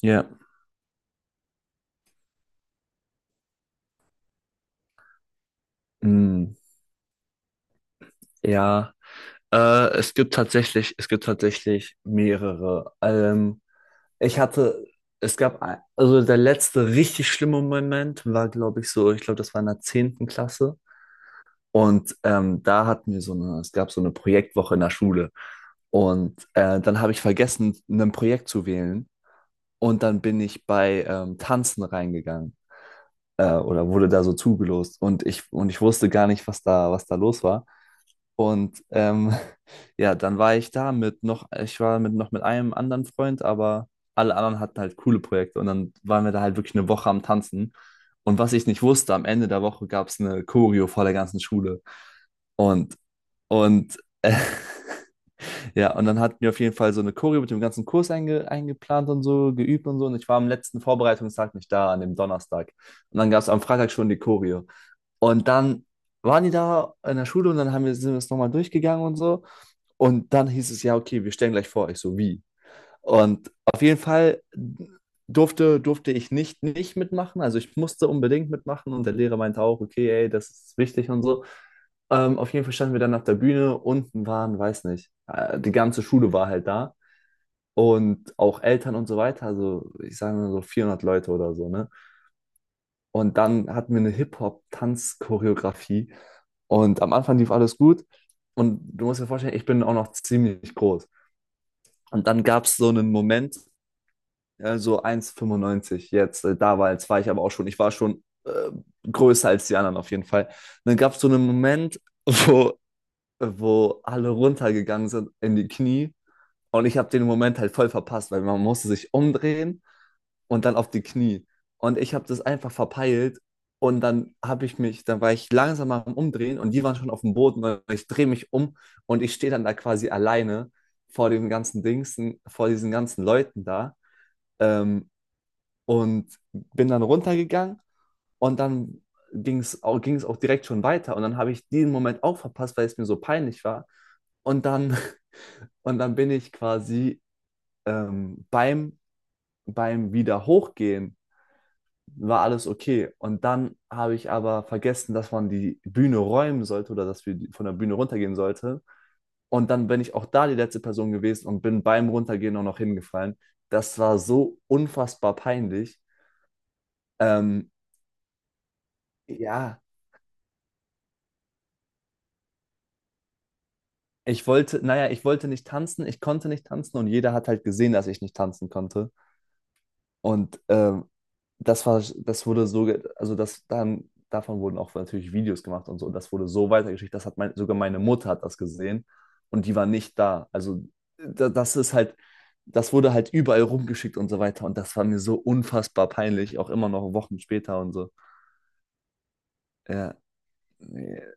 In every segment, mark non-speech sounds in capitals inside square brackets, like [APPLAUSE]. Ja, mm, ja. Es gibt tatsächlich mehrere. Ich hatte, es gab, ein, also der letzte richtig schlimme Moment war, glaube ich, so, ich glaube, das war in der zehnten Klasse. Und da hatten wir so eine, es gab so eine Projektwoche in der Schule. Und dann habe ich vergessen, ein Projekt zu wählen. Und dann bin ich bei Tanzen reingegangen oder wurde da so zugelost. Und ich wusste gar nicht, was da los war. Und [LAUGHS] ja, dann war ich da mit noch, ich war mit noch mit einem anderen Freund, aber alle anderen hatten halt coole Projekte und dann waren wir da halt wirklich eine Woche am Tanzen. Und was ich nicht wusste, am Ende der Woche gab es eine Choreo vor der ganzen Schule. Und, und [LAUGHS] ja, und dann hatten wir auf jeden Fall so eine Choreo mit dem ganzen Kurs eingeplant und so, geübt und so. Und ich war am letzten Vorbereitungstag nicht da, an dem Donnerstag. Und dann gab es am Freitag schon die Choreo. Und dann waren die da in der Schule und dann haben wir, sind wir es nochmal durchgegangen und so. Und dann hieß es, ja, okay, wir stellen gleich vor. Ich so, wie? Und auf jeden Fall durfte ich nicht mitmachen. Also ich musste unbedingt mitmachen und der Lehrer meinte auch, okay, ey, das ist wichtig und so. Auf jeden Fall standen wir dann auf der Bühne, unten waren, weiß nicht, die ganze Schule war halt da und auch Eltern und so weiter, also ich sage mal so 400 Leute oder so, ne? Und dann hatten wir eine Hip-Hop-Tanz-Choreografie und am Anfang lief alles gut und du musst dir vorstellen, ich bin auch noch ziemlich groß. Und dann gab es so einen Moment, so 1,95 jetzt, damals war jetzt war ich aber auch schon, ich war schon größer als die anderen auf jeden Fall. Und dann gab es so einen Moment, wo, wo alle runtergegangen sind in die Knie und ich habe den Moment halt voll verpasst, weil man musste sich umdrehen und dann auf die Knie. Und ich habe das einfach verpeilt und dann habe ich mich, dann war ich langsam am Umdrehen und die waren schon auf dem Boden, weil ich drehe mich um und ich stehe dann da quasi alleine vor den ganzen Dings, vor diesen ganzen Leuten da ähm, und bin dann runtergegangen und dann ging es auch direkt schon weiter und dann habe ich diesen Moment auch verpasst, weil es mir so peinlich war und dann, [LAUGHS] und dann bin ich quasi ähm, beim, beim wieder hochgehen war alles okay. Und dann habe ich aber vergessen, dass man die Bühne räumen sollte oder dass wir von der Bühne runtergehen sollte. Und dann bin ich auch da die letzte Person gewesen und bin beim Runtergehen auch noch hingefallen. Das war so unfassbar peinlich. Ähm, ja, ich wollte, naja, ich wollte nicht tanzen, ich konnte nicht tanzen und jeder hat halt gesehen, dass ich nicht tanzen konnte. Und das war, das wurde so, also das dann, davon wurden auch natürlich Videos gemacht und so. Und das wurde so weitergeschickt, das hat mein, sogar meine Mutter hat das gesehen und die war nicht da. Also da, das ist halt, das wurde halt überall rumgeschickt und so weiter. Und das war mir so unfassbar peinlich, auch immer noch Wochen später und so. Ja, nee,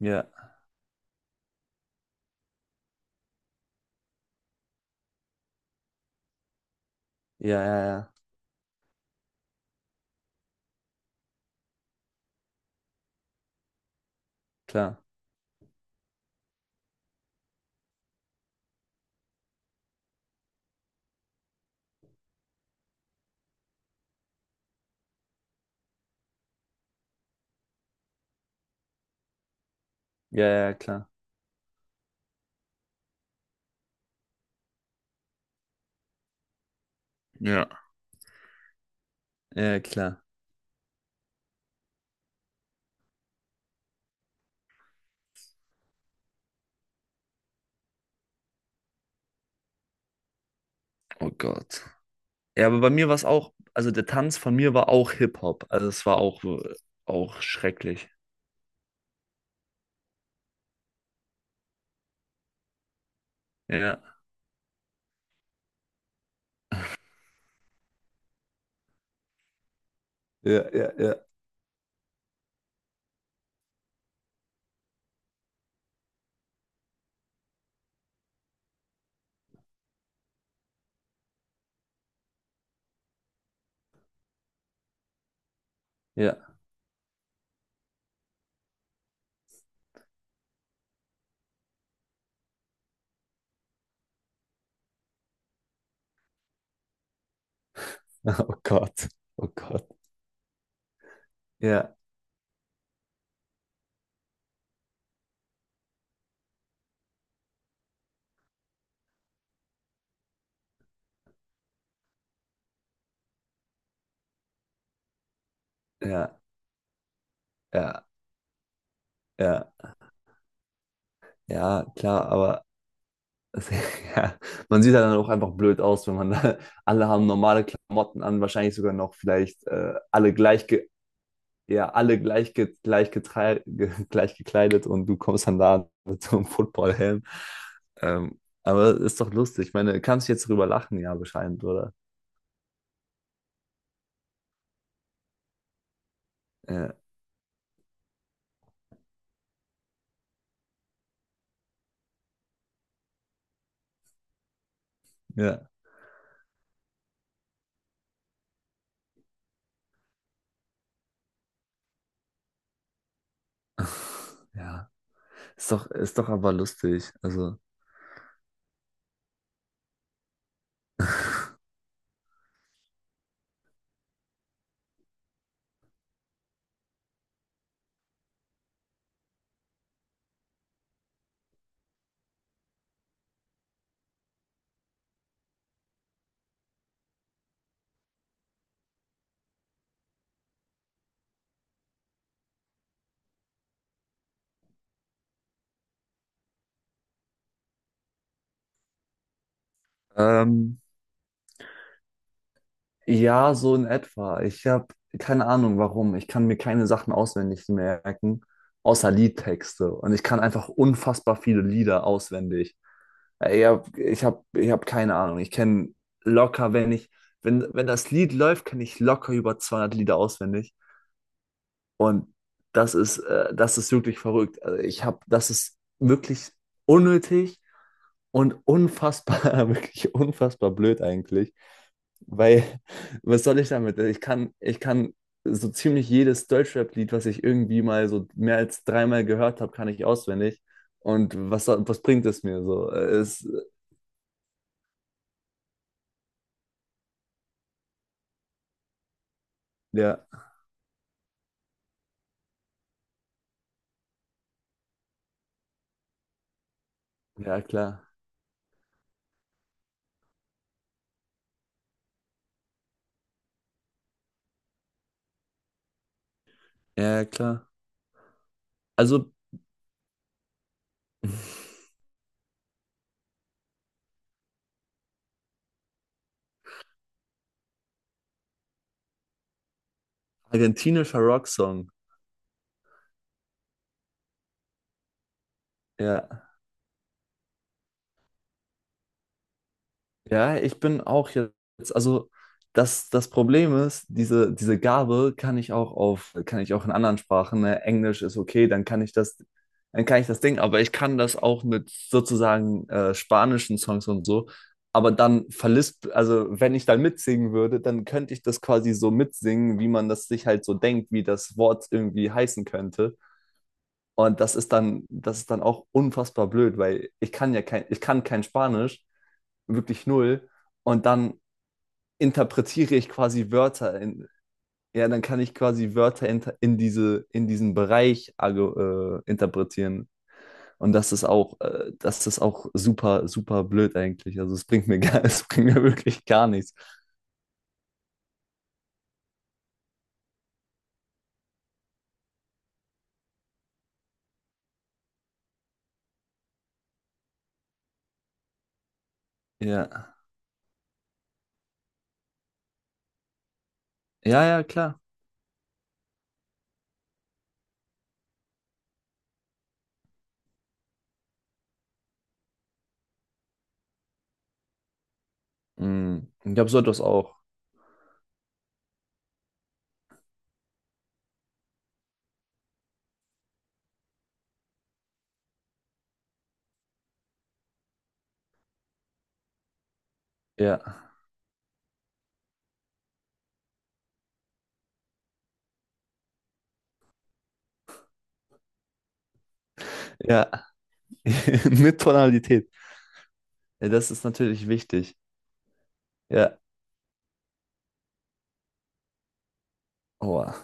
ja, ja, ja, ja, klar. Ja, ja, klar. Ja. Ja, klar. Oh Gott. Ja, aber bei mir war es auch, also der Tanz von mir war auch Hip-Hop. Also es war auch, auch schrecklich. Ja, ja, ja, ja, ja, [LAUGHS] Oh Gott, oh Gott. Ja, ja, ja, ja, ja, klar, aber es- [LAUGHS] ja, man sieht ja dann auch einfach blöd aus, wenn man da, alle haben normale Klamotten an, wahrscheinlich sogar noch vielleicht alle gleich, ja, alle gleich, gleich, [LAUGHS] gleich gekleidet und du kommst dann da [LAUGHS] mit so einem Footballhelm. Aber ist doch lustig. Ich meine, kannst du jetzt drüber lachen, ja, bescheiden, oder? Ja, ja. [LAUGHS] Ja, ist doch aber lustig. Also, ähm, Ja, so in etwa. Ich habe keine Ahnung, warum. Ich kann mir keine Sachen auswendig merken, außer Liedtexte. Und ich kann einfach unfassbar viele Lieder auswendig. Ich hab keine Ahnung. Ich kenne locker, wenn ich, wenn, wenn das Lied läuft, kenne ich locker über 200 Lieder auswendig. Und das ist wirklich verrückt. Also ich habe, das ist wirklich unnötig und unfassbar, [LAUGHS] wirklich unfassbar blöd eigentlich. Weil, [LAUGHS] was soll ich damit? Ich kann so ziemlich jedes Deutschrap-Lied, was ich irgendwie mal so mehr als dreimal gehört habe, kann ich auswendig. Und was bringt es mir so? Ja, ja, klar. Ja, klar. Also, [LAUGHS] argentinischer Rocksong. Ja. Ja, ich bin auch jetzt, also das Problem ist, diese Gabe kann ich auch auf, kann ich auch in anderen Sprachen, ne? Englisch ist okay, dann kann ich das, dann kann ich das Ding, aber ich kann das auch mit sozusagen spanischen Songs und so, aber dann verlisp, also wenn ich dann mitsingen würde, dann könnte ich das quasi so mitsingen, wie man das sich halt so denkt, wie das Wort irgendwie heißen könnte. Und das ist dann auch unfassbar blöd, weil ich kann ja kein, ich kann kein Spanisch, wirklich null. Und dann interpretiere ich quasi Wörter in, ja, dann kann ich quasi Wörter in, in diesen Bereich interpretieren. Und das ist auch super, super blöd eigentlich. Also es bringt mir gar, [LAUGHS] es bringt mir wirklich gar nichts. Ja. Ja, ja, klar. Mhm. Ich glaube, so etwas auch. Ja. Ja. [LAUGHS] Mit Tonalität. Ja, das ist natürlich wichtig. Ja. Boah.